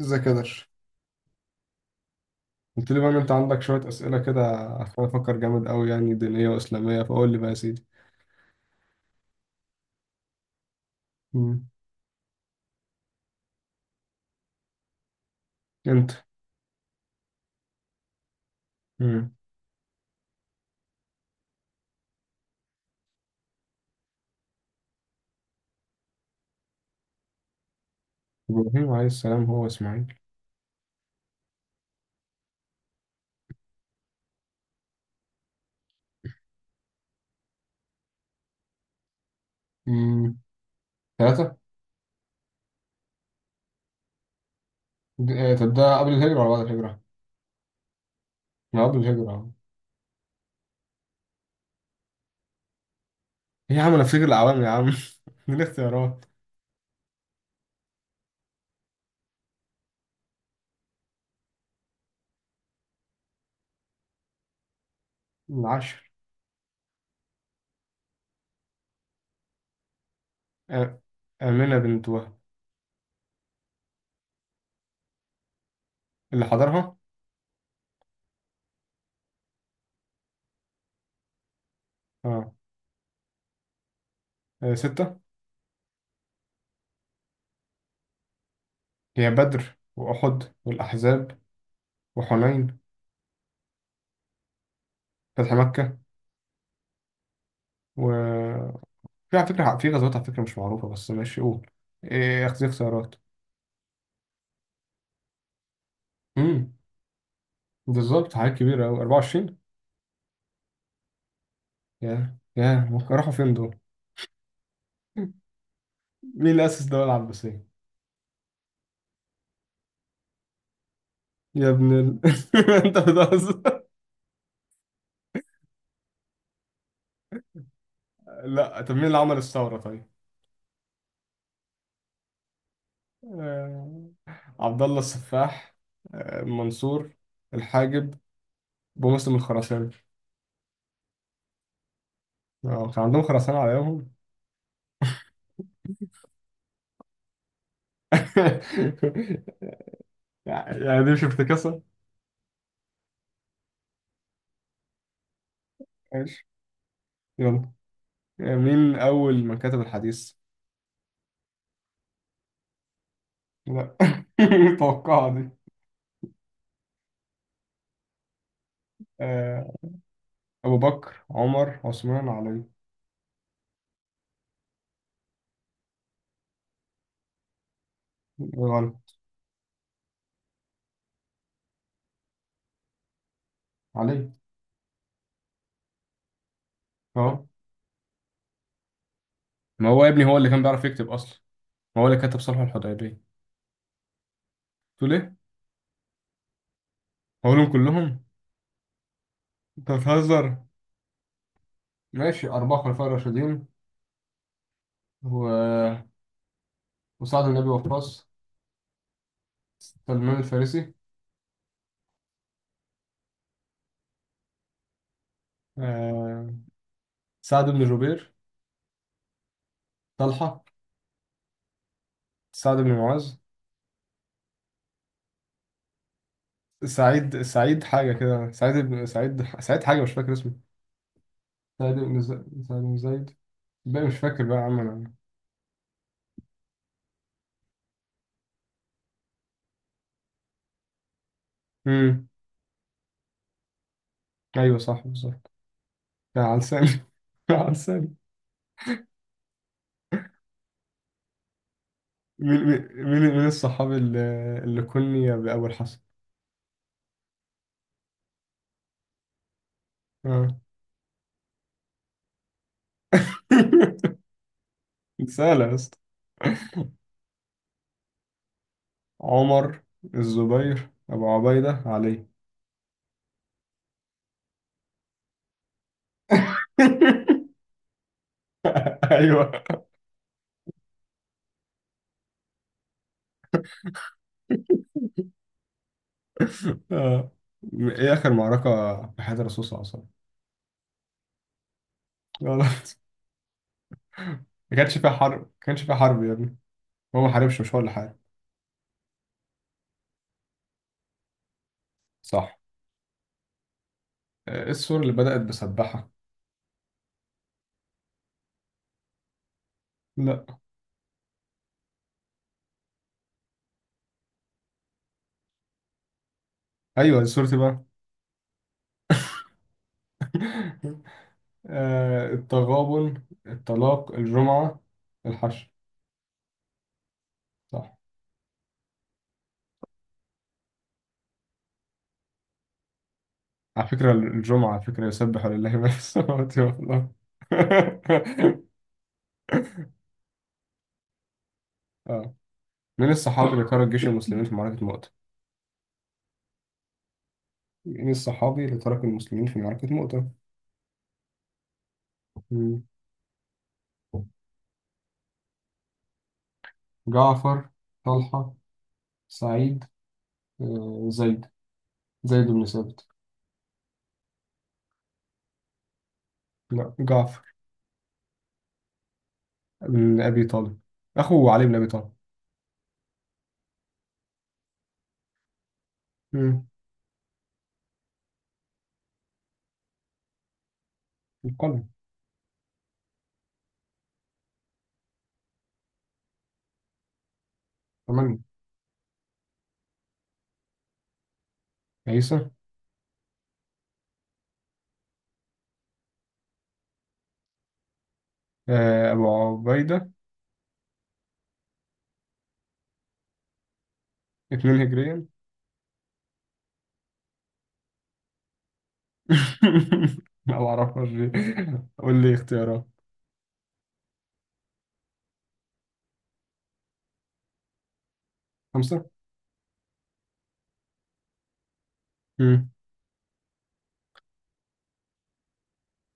ازيك يا درش، قلت لي بقى ان انت عندك شويه اسئله كده، عشان افكر جامد قوي يعني دينيه واسلاميه، فقول لي بقى يا سيدي. مم. انت. مم. ابراهيم عليه السلام هو اسماعيل. مم. ثلاثه. طب ده قبل الهجره ولا بعد الهجره؟ ما قبل الهجره أهو. ايه يا عم، انا فاكر العوام يا عم من الاختيارات. العشر. آه، امنه بنت وهب. اللي حضرها. اه. آه، سته. هي بدر واحد والاحزاب وحنين فتح مكه و... في على فكرة، في غزوات على فكرة مش معروفة بس ماشي قول. إيه أخذ خسارات. امم بالظبط حاجات كبيرة أوي، 24. يا ممكن راحوا فين دول. مين اللي أسس الدولة العباسية؟ يا ابن ال... أنت بتهزر. لا طب مين اللي عمل الثورة طيب؟ آه، عبد الله السفاح. آه، منصور الحاجب. بمسلم الخراساني. اه كان عندهم خراسانة على ايامهم. يعني دي مش افتكاسة. ماشي. يلا. آه، مين أول من كتب الحديث؟ لا متوقعة دي. آه، أبو بكر، عمر، عثمان، علي. غلط. علي. أه. ما هو يا ابني هو اللي كان بيعرف يكتب أصلا، هو اللي كتب صلح الحديبية. تقول إيه؟ هقولهم كلهم؟ أنت بتهزر. ماشي، أربعة خلفاء راشدين و... وسعد بن أبي وقاص. سلمان الفارسي. آه، سعد بن جبير. طلحة. سعد بن معاذ. سعيد، سعيد حاجة كده، سعيد بن سعيد، سعيد حاجة مش فاكر اسمه. سعيد بن ز- سعيد بن زيد. بقى مش فاكر بقى يا عم انا. امم ايوه صح بالظبط. يا على لساني على لساني. من من الصحاب اللي كني بأول حسن. اه. سهلة يا اسطى. عمر، الزبير، أبو عبيدة، علي. ايوه. آه. ايه اخر معركة في حياة الرسول صلى الله عليه وسلم؟ غلط. ما كانش فيها حرب، ما كانش فيها حرب يا ابني، هو ما حاربش، مش هو اللي حارب. صح. آه، ايه السورة اللي بدأت بسبحة؟ لا ايوه، السورة دي سورتي. بقى آه التغابن، الطلاق، الجمعة، الحشر. صح. على فكرة الجمعة، على فكرة، يسبح لله ما في السماوات والأرض. آه. من الصحابي اللي ترك جيش المسلمين في معركة مؤتة؟ من الصحابي اللي ترك المسلمين في معركة مؤتة؟ مم. جعفر، طلحة، سعيد. آه زيد، زيد بن ثابت. لا جعفر بن أبي طالب، أخو علي بن أبي طالب. مم. القلب. ثمانية. عيسى. آه أبو عبيدة. 2 هجريا. لا ما اعرفهاش دي. قول لي اختيارات. خمسة. امم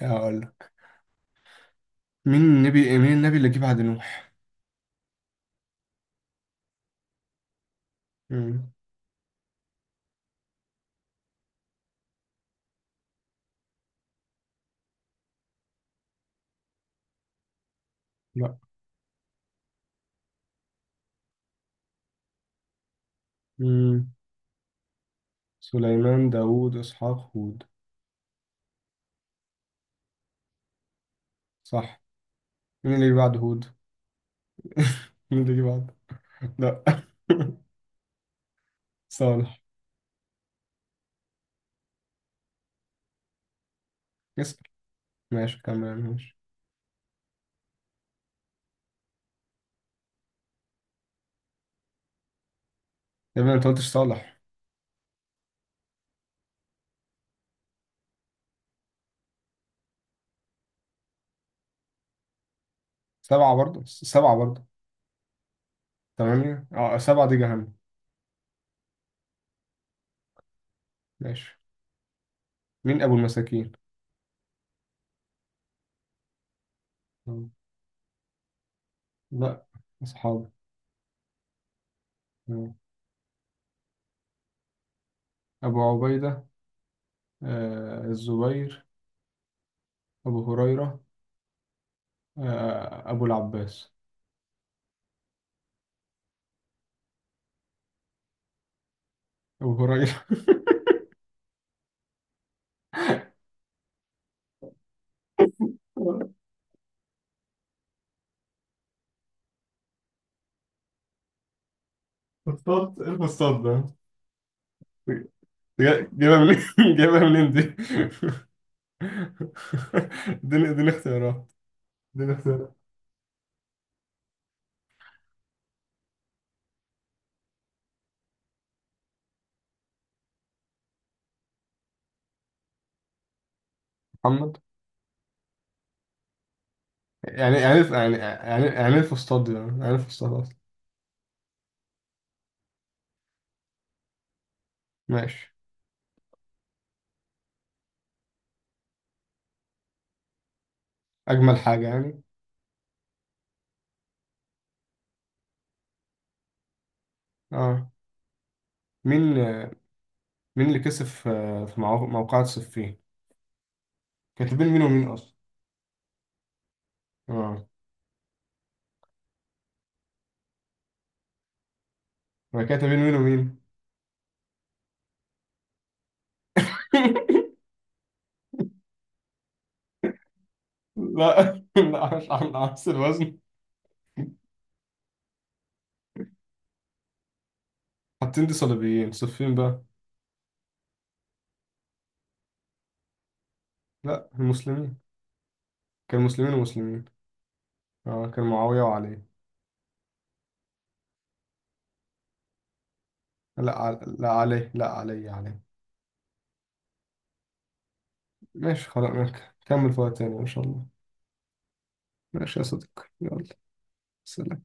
هقول لك. مين النبي اللي جه بعد نوح؟ امم لا. امم سليمان، داوود، اسحاق، هود. صح. مين اللي جه بعد هود؟ مين اللي جه بعد؟ لا صالح. اسأل. ماشي كمل ماشي. يا ابني انت قلتش صالح. سبعة برضه، سبعة برضه. تمانية، اه، سبعة دي جهنم. ماشي. مين أبو المساكين؟ مم. لا. أصحابه. مم. أبو عبيدة. آه الزبير. أبو هريرة. آه، أبو العباس. أبو هريرة مصطاد إيه، المصطاد ده؟ جايبها منين؟ جايبها منين دي؟ اديني اختيارات. اديني اختيارات. محمد. يعني إيه الفسطاط دي، يعني إيه الفسطاط أصلا؟ ماشي. أجمل حاجة يعني. اه. مين آه، مين اللي كسب في موقعة صفين؟ كانت بين مين ومين أصلا؟ اه. هي كانت بين مين ومين؟ لا لا، مش عن عكس الوزن. حاطين دي صليبيين، صفين بقى. لا المسلمين. كان مسلمين ومسلمين. اه كان معاوية وعلي. لا، لا علي، لا علي، علي. ماشي خلاص ماشي. كمل فوق تاني ان شاء الله. ماشي يا صديقي، يلا. سلام.